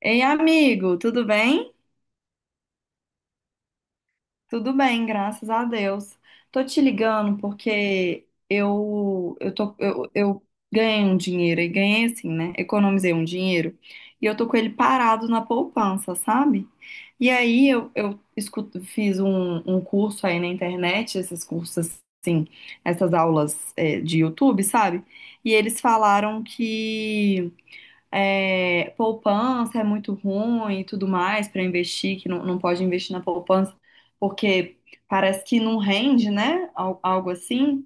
Ei, amigo, tudo bem? Tudo bem, graças a Deus. Tô te ligando porque eu ganhei um dinheiro e ganhei assim, né? Economizei um dinheiro e eu tô com ele parado na poupança, sabe? E aí eu fiz um curso aí na internet, esses cursos assim, essas aulas de YouTube, sabe? E eles falaram que poupança é muito ruim e tudo mais para investir, que não, não pode investir na poupança, porque parece que não rende, né? Algo assim.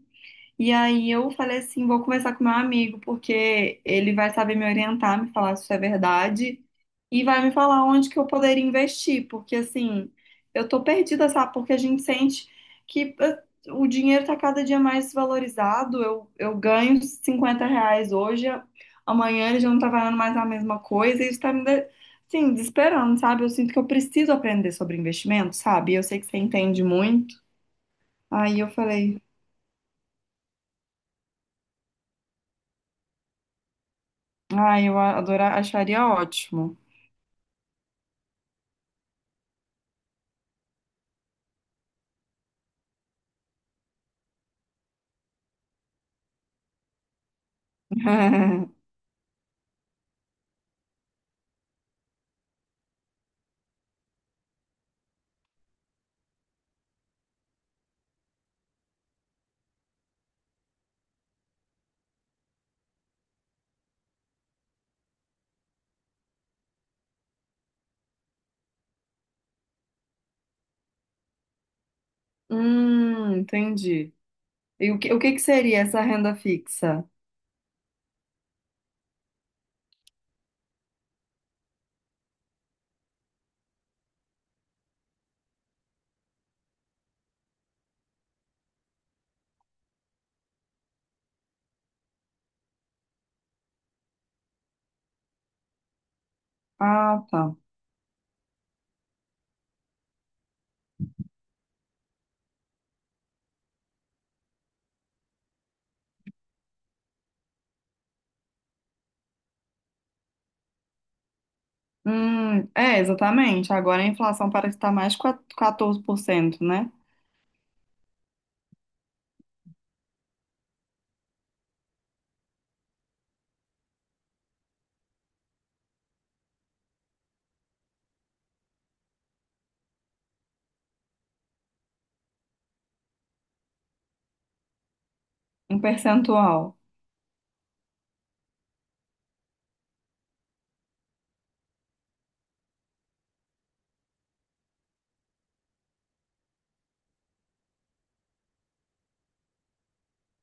E aí eu falei assim, vou conversar com meu amigo, porque ele vai saber me orientar, me falar se isso é verdade e vai me falar onde que eu poderia investir, porque assim, eu tô perdida, sabe? Porque a gente sente que o dinheiro tá cada dia mais desvalorizado. Eu ganho R$ 50 hoje, amanhã ele já não tá valendo mais a mesma coisa, e isso tá me, assim, desesperando, sabe? Eu sinto que eu preciso aprender sobre investimento, sabe? Eu sei que você entende muito. Aí eu falei, ah, eu adorar, acharia ótimo. Entendi. E o que que seria essa renda fixa? Ah, tá. É, exatamente. Agora a inflação parece estar mais de 14%, né? Um percentual.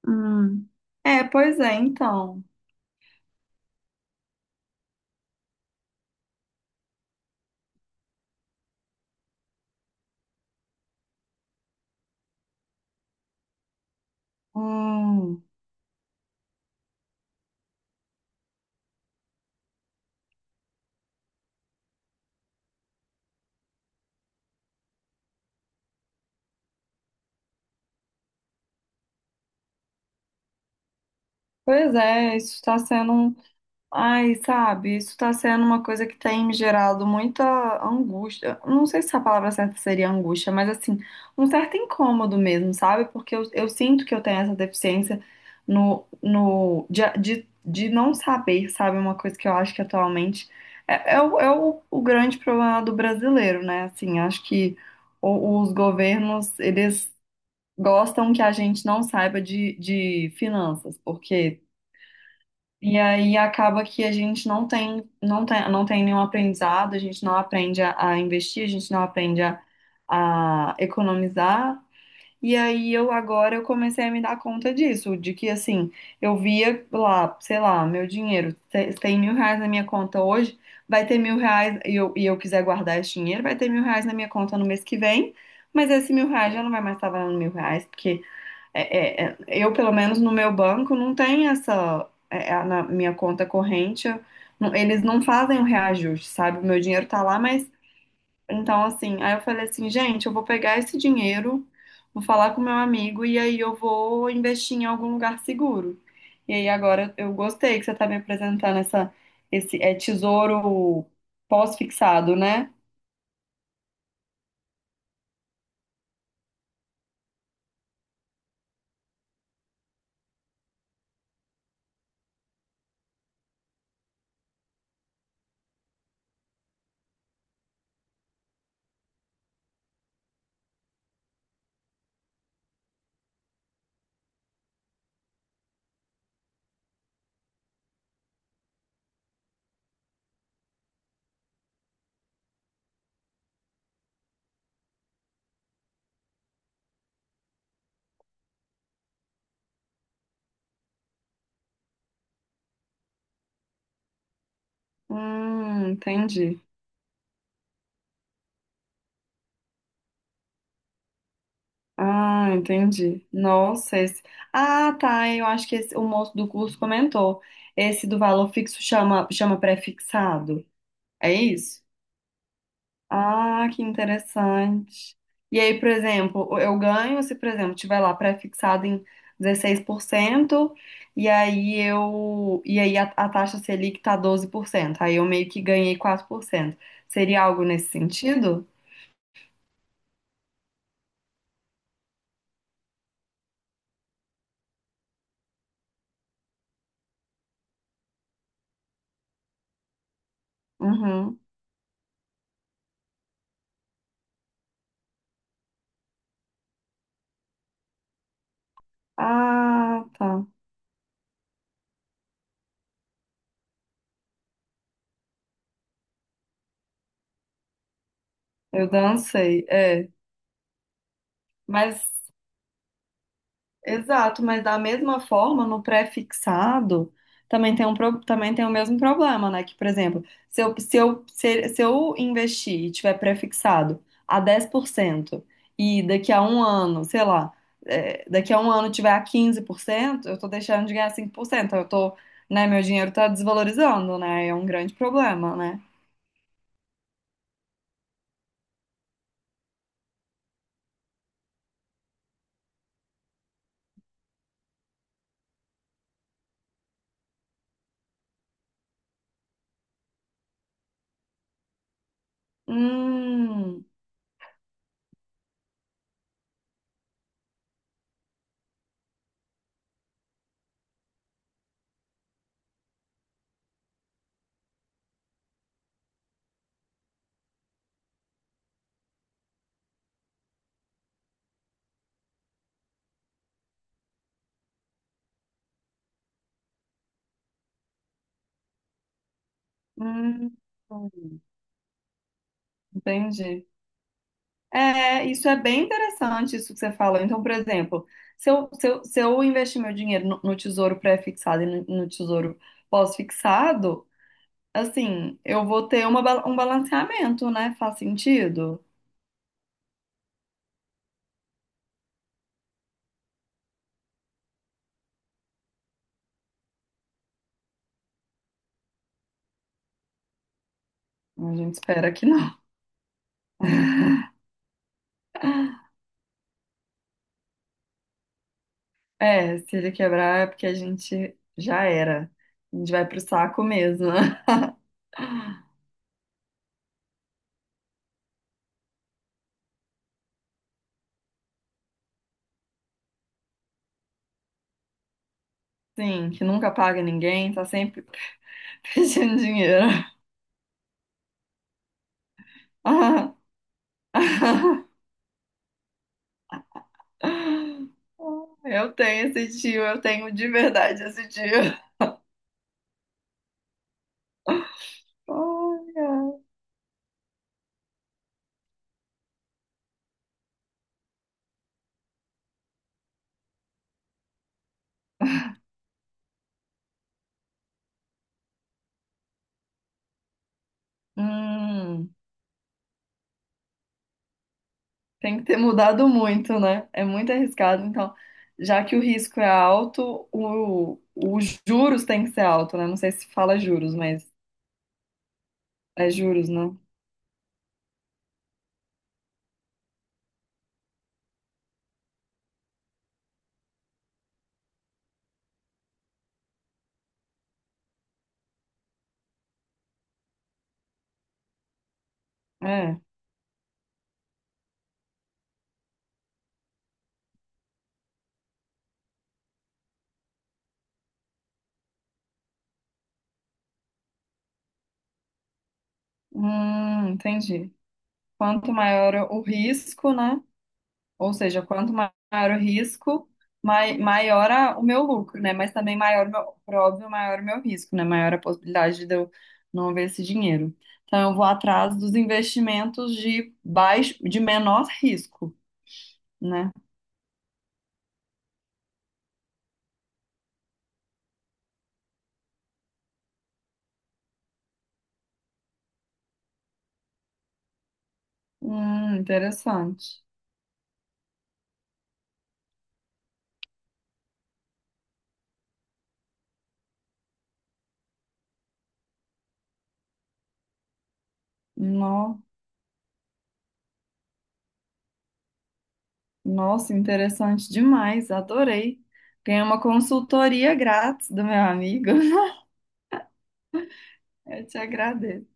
Hum. É, pois é, então. Hum, pois é, isso está sendo um. Ai, sabe, isso tá sendo uma coisa que tem me gerado muita angústia. Não sei se a palavra certa seria angústia, mas assim, um certo incômodo mesmo, sabe? Porque eu sinto que eu tenho essa deficiência de não saber, sabe? Uma coisa que eu acho que atualmente é o grande problema do brasileiro, né? Assim, acho que os governos, eles gostam que a gente não saiba de finanças, porque. E aí acaba que a gente não tem, não tem, não tem nenhum aprendizado, a gente não aprende a investir, a gente não aprende a economizar. E aí eu agora eu comecei a me dar conta disso, de que assim, eu via lá, sei lá, meu dinheiro, tem R$ 1.000 na minha conta hoje, vai ter R$ 1.000, e eu quiser guardar esse dinheiro, vai ter mil reais na minha conta no mês que vem, mas esse R$ 1.000 já não vai mais estar valendo R$ 1.000, porque eu, pelo menos no meu banco, não tem essa. Na minha conta corrente, eles não fazem o reajuste, sabe? O meu dinheiro tá lá, mas. Então, assim, aí eu falei assim, gente, eu vou pegar esse dinheiro, vou falar com meu amigo e aí eu vou investir em algum lugar seguro. E aí agora eu gostei que você tá me apresentando essa, esse tesouro pós-fixado, né? Entendi. Ah, entendi. Nossa, esse. Ah, tá. Eu acho que o moço do curso comentou. Esse do valor fixo chama, chama pré-fixado. É isso? Ah, que interessante. E aí, por exemplo, eu ganho se, por exemplo, tiver lá pré-fixado em 16% e aí a taxa Selic tá 12%. Aí eu meio que ganhei 4%. Seria algo nesse sentido? Uhum. Ah, tá. Eu dancei. É. Mas, exato, mas da mesma forma, no pré-fixado, também tem também tem o mesmo problema, né? Que, por exemplo, se eu investir e tiver pré-fixado a 10% e daqui a um ano, sei lá, daqui a um ano tiver a 15%. Eu tô deixando de ganhar 5%, eu tô, né, meu dinheiro tá desvalorizando, né? É um grande problema, né? Hum, hum, entendi. É, isso é bem interessante, isso que você fala. Então, por exemplo, se eu investir meu dinheiro no tesouro pré-fixado e no tesouro pós-fixado, assim, eu vou ter um balanceamento, né? Faz sentido? A gente espera que não. É, se ele quebrar é porque a gente já era. A gente vai pro saco mesmo, né? Sim, que nunca paga ninguém, tá sempre pedindo dinheiro. Eu tenho esse tio, eu tenho de verdade esse tio. Olha. Hum, tem que ter mudado muito, né? É muito arriscado. Então, já que o risco é alto, os juros tem que ser alto, né? Não sei se fala juros, mas é juros, né? É. Entendi. Quanto maior o risco, né? Ou seja, quanto maior o risco, maior o meu lucro, né? Mas também maior, por óbvio, maior o meu risco, né? Maior a possibilidade de eu não ver esse dinheiro. Então, eu vou atrás dos investimentos de baixo, de menor risco, né? Interessante. No- Nossa, interessante demais. Adorei. Ganhei uma consultoria grátis do meu amigo. Eu te agradeço.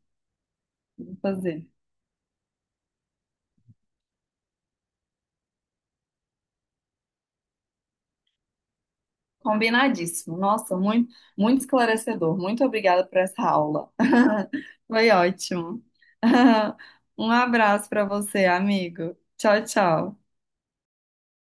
Vou fazer. Combinadíssimo. Nossa, muito, muito esclarecedor. Muito obrigada por essa aula. Foi ótimo. Um abraço para você, amigo. Tchau, tchau.